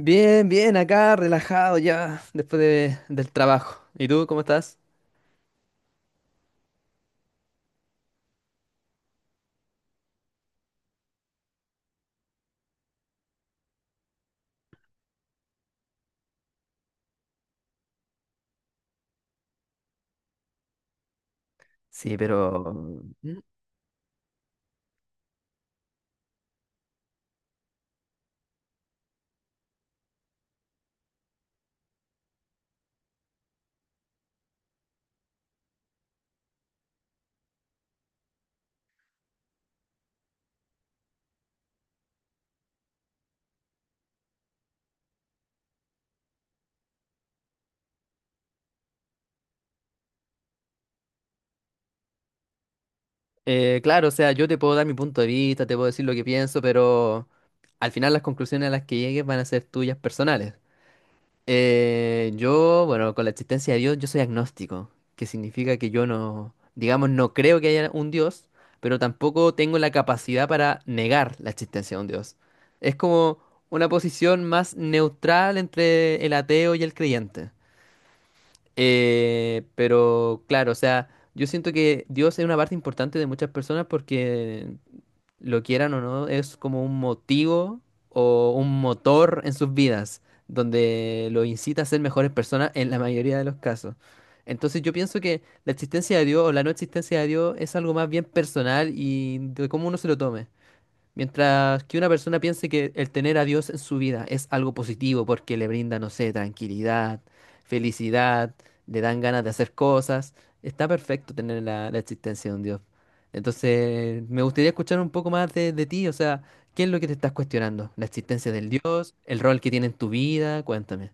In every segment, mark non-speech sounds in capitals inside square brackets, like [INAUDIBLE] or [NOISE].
Bien, bien, acá relajado ya del trabajo. ¿Y tú cómo estás? Sí, pero... mm, claro, o sea, yo te puedo dar mi punto de vista, te puedo decir lo que pienso, pero al final las conclusiones a las que llegues van a ser tuyas personales. Bueno, con la existencia de Dios, yo soy agnóstico, que significa que yo no, digamos, no creo que haya un Dios, pero tampoco tengo la capacidad para negar la existencia de un Dios. Es como una posición más neutral entre el ateo y el creyente. Pero claro, o sea, yo siento que Dios es una parte importante de muchas personas porque lo quieran o no, es como un motivo o un motor en sus vidas, donde los incita a ser mejores personas en la mayoría de los casos. Entonces yo pienso que la existencia de Dios o la no existencia de Dios es algo más bien personal y de cómo uno se lo tome. Mientras que una persona piense que el tener a Dios en su vida es algo positivo porque le brinda, no sé, tranquilidad, felicidad, le dan ganas de hacer cosas, está perfecto tener la existencia de un Dios. Entonces, me gustaría escuchar un poco más de ti, o sea, ¿qué es lo que te estás cuestionando? ¿La existencia del Dios? ¿El rol que tiene en tu vida? Cuéntame.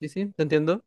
Sí, sí, te entiendo.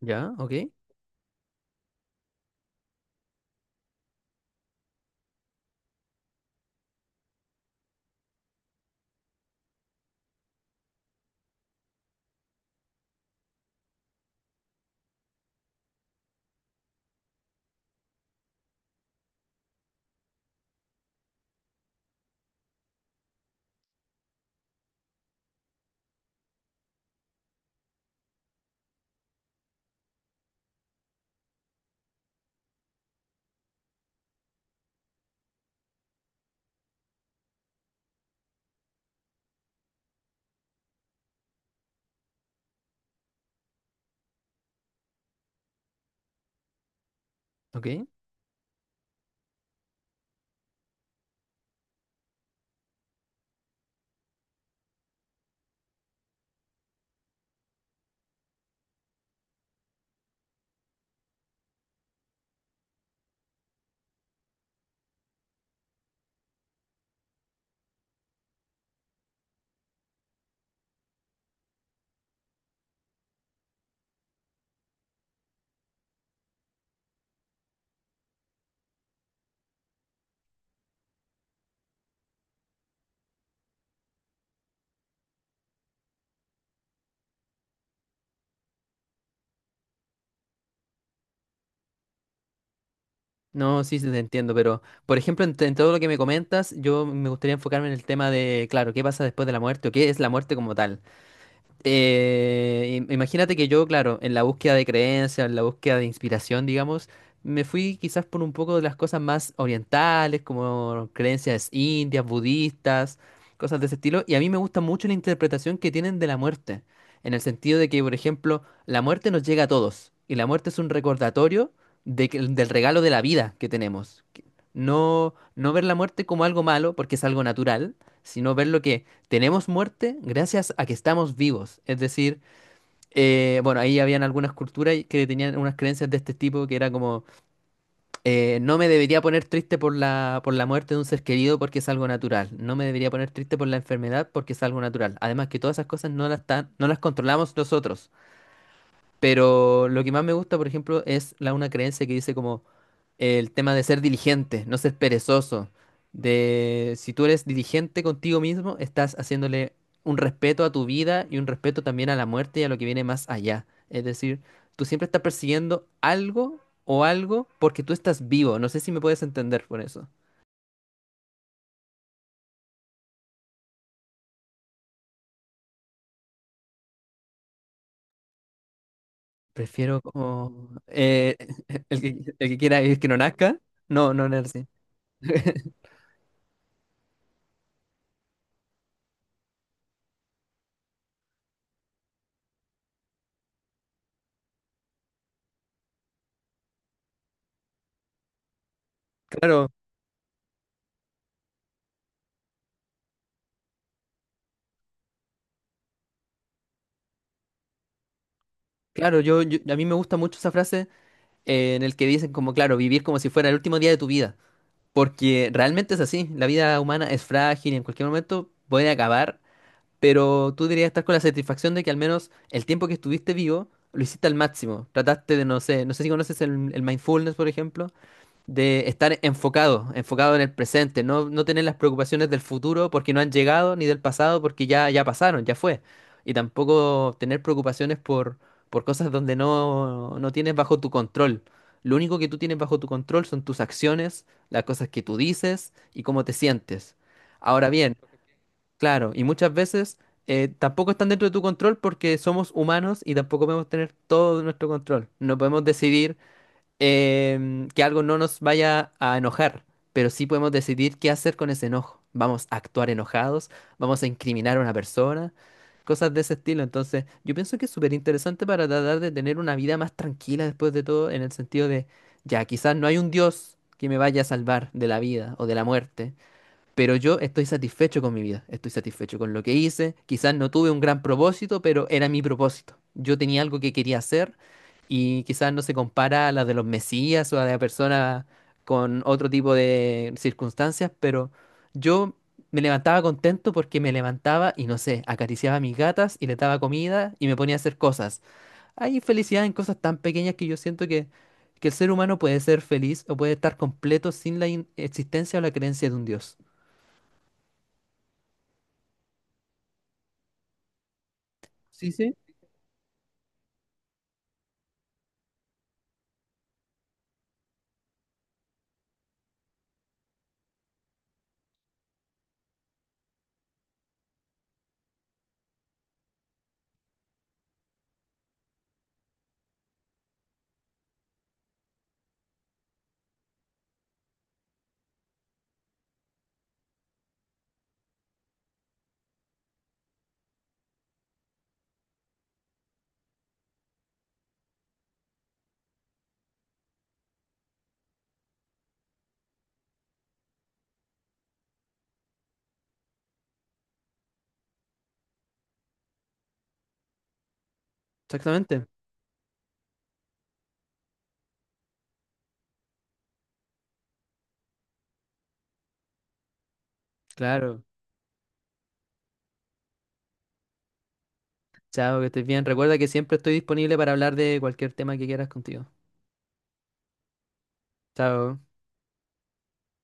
Ya, ok, ok. No, sí, sí, te entiendo, pero por ejemplo, en todo lo que me comentas, yo me gustaría enfocarme en el tema de, claro, qué pasa después de la muerte o qué es la muerte como tal. Imagínate que yo, claro, en la búsqueda de creencias, en la búsqueda de inspiración, digamos, me fui quizás por un poco de las cosas más orientales, como creencias indias, budistas, cosas de ese estilo, y a mí me gusta mucho la interpretación que tienen de la muerte, en el sentido de que, por ejemplo, la muerte nos llega a todos, y la muerte es un recordatorio del regalo de la vida que tenemos. No, no ver la muerte como algo malo, porque es algo natural, sino verlo que tenemos muerte gracias a que estamos vivos. Es decir, bueno, ahí habían algunas culturas que tenían unas creencias de este tipo que era como, no me debería poner triste por por la muerte de un ser querido porque es algo natural. No me debería poner triste por la enfermedad porque es algo natural. Además que todas esas cosas no las controlamos nosotros. Pero lo que más me gusta, por ejemplo, una creencia que dice como el tema de ser diligente, no ser perezoso. De si tú eres diligente contigo mismo, estás haciéndole un respeto a tu vida y un respeto también a la muerte y a lo que viene más allá. Es decir, tú siempre estás persiguiendo algo o algo porque tú estás vivo. No sé si me puedes entender por eso. Prefiero como [LAUGHS] el que quiera vivir que no nazca. No, no, no es así. Claro, claro, a mí me gusta mucho esa frase en el que dicen como, claro, vivir como si fuera el último día de tu vida. Porque realmente es así, la vida humana es frágil y en cualquier momento puede acabar, pero tú deberías estar con la satisfacción de que al menos el tiempo que estuviste vivo lo hiciste al máximo. Trataste de, no sé, no sé si conoces el mindfulness, por ejemplo de estar enfocado, enfocado en el presente, no, no tener las preocupaciones del futuro porque no han llegado, ni del pasado porque ya, ya pasaron, ya fue. Y tampoco tener preocupaciones por cosas donde no, no tienes bajo tu control. Lo único que tú tienes bajo tu control son tus acciones, las cosas que tú dices y cómo te sientes. Ahora bien, claro, y muchas veces tampoco están dentro de tu control porque somos humanos y tampoco podemos tener todo nuestro control. No podemos decidir que algo no nos vaya a enojar, pero sí podemos decidir qué hacer con ese enojo. Vamos a actuar enojados, vamos a incriminar a una persona, cosas de ese estilo. Entonces, yo pienso que es súper interesante para tratar de tener una vida más tranquila después de todo, en el sentido de, ya, quizás no hay un Dios que me vaya a salvar de la vida o de la muerte, pero yo estoy satisfecho con mi vida, estoy satisfecho con lo que hice. Quizás no tuve un gran propósito, pero era mi propósito. Yo tenía algo que quería hacer y quizás no se compara a la de los mesías o a la de personas con otro tipo de circunstancias, pero yo me levantaba contento porque me levantaba y no sé, acariciaba a mis gatas y les daba comida y me ponía a hacer cosas. Hay felicidad en cosas tan pequeñas que yo siento que el ser humano puede ser feliz o puede estar completo sin existencia o la creencia de un Dios. Sí, sí, exactamente. Claro. Chao, que estés bien. Recuerda que siempre estoy disponible para hablar de cualquier tema que quieras contigo. Chao.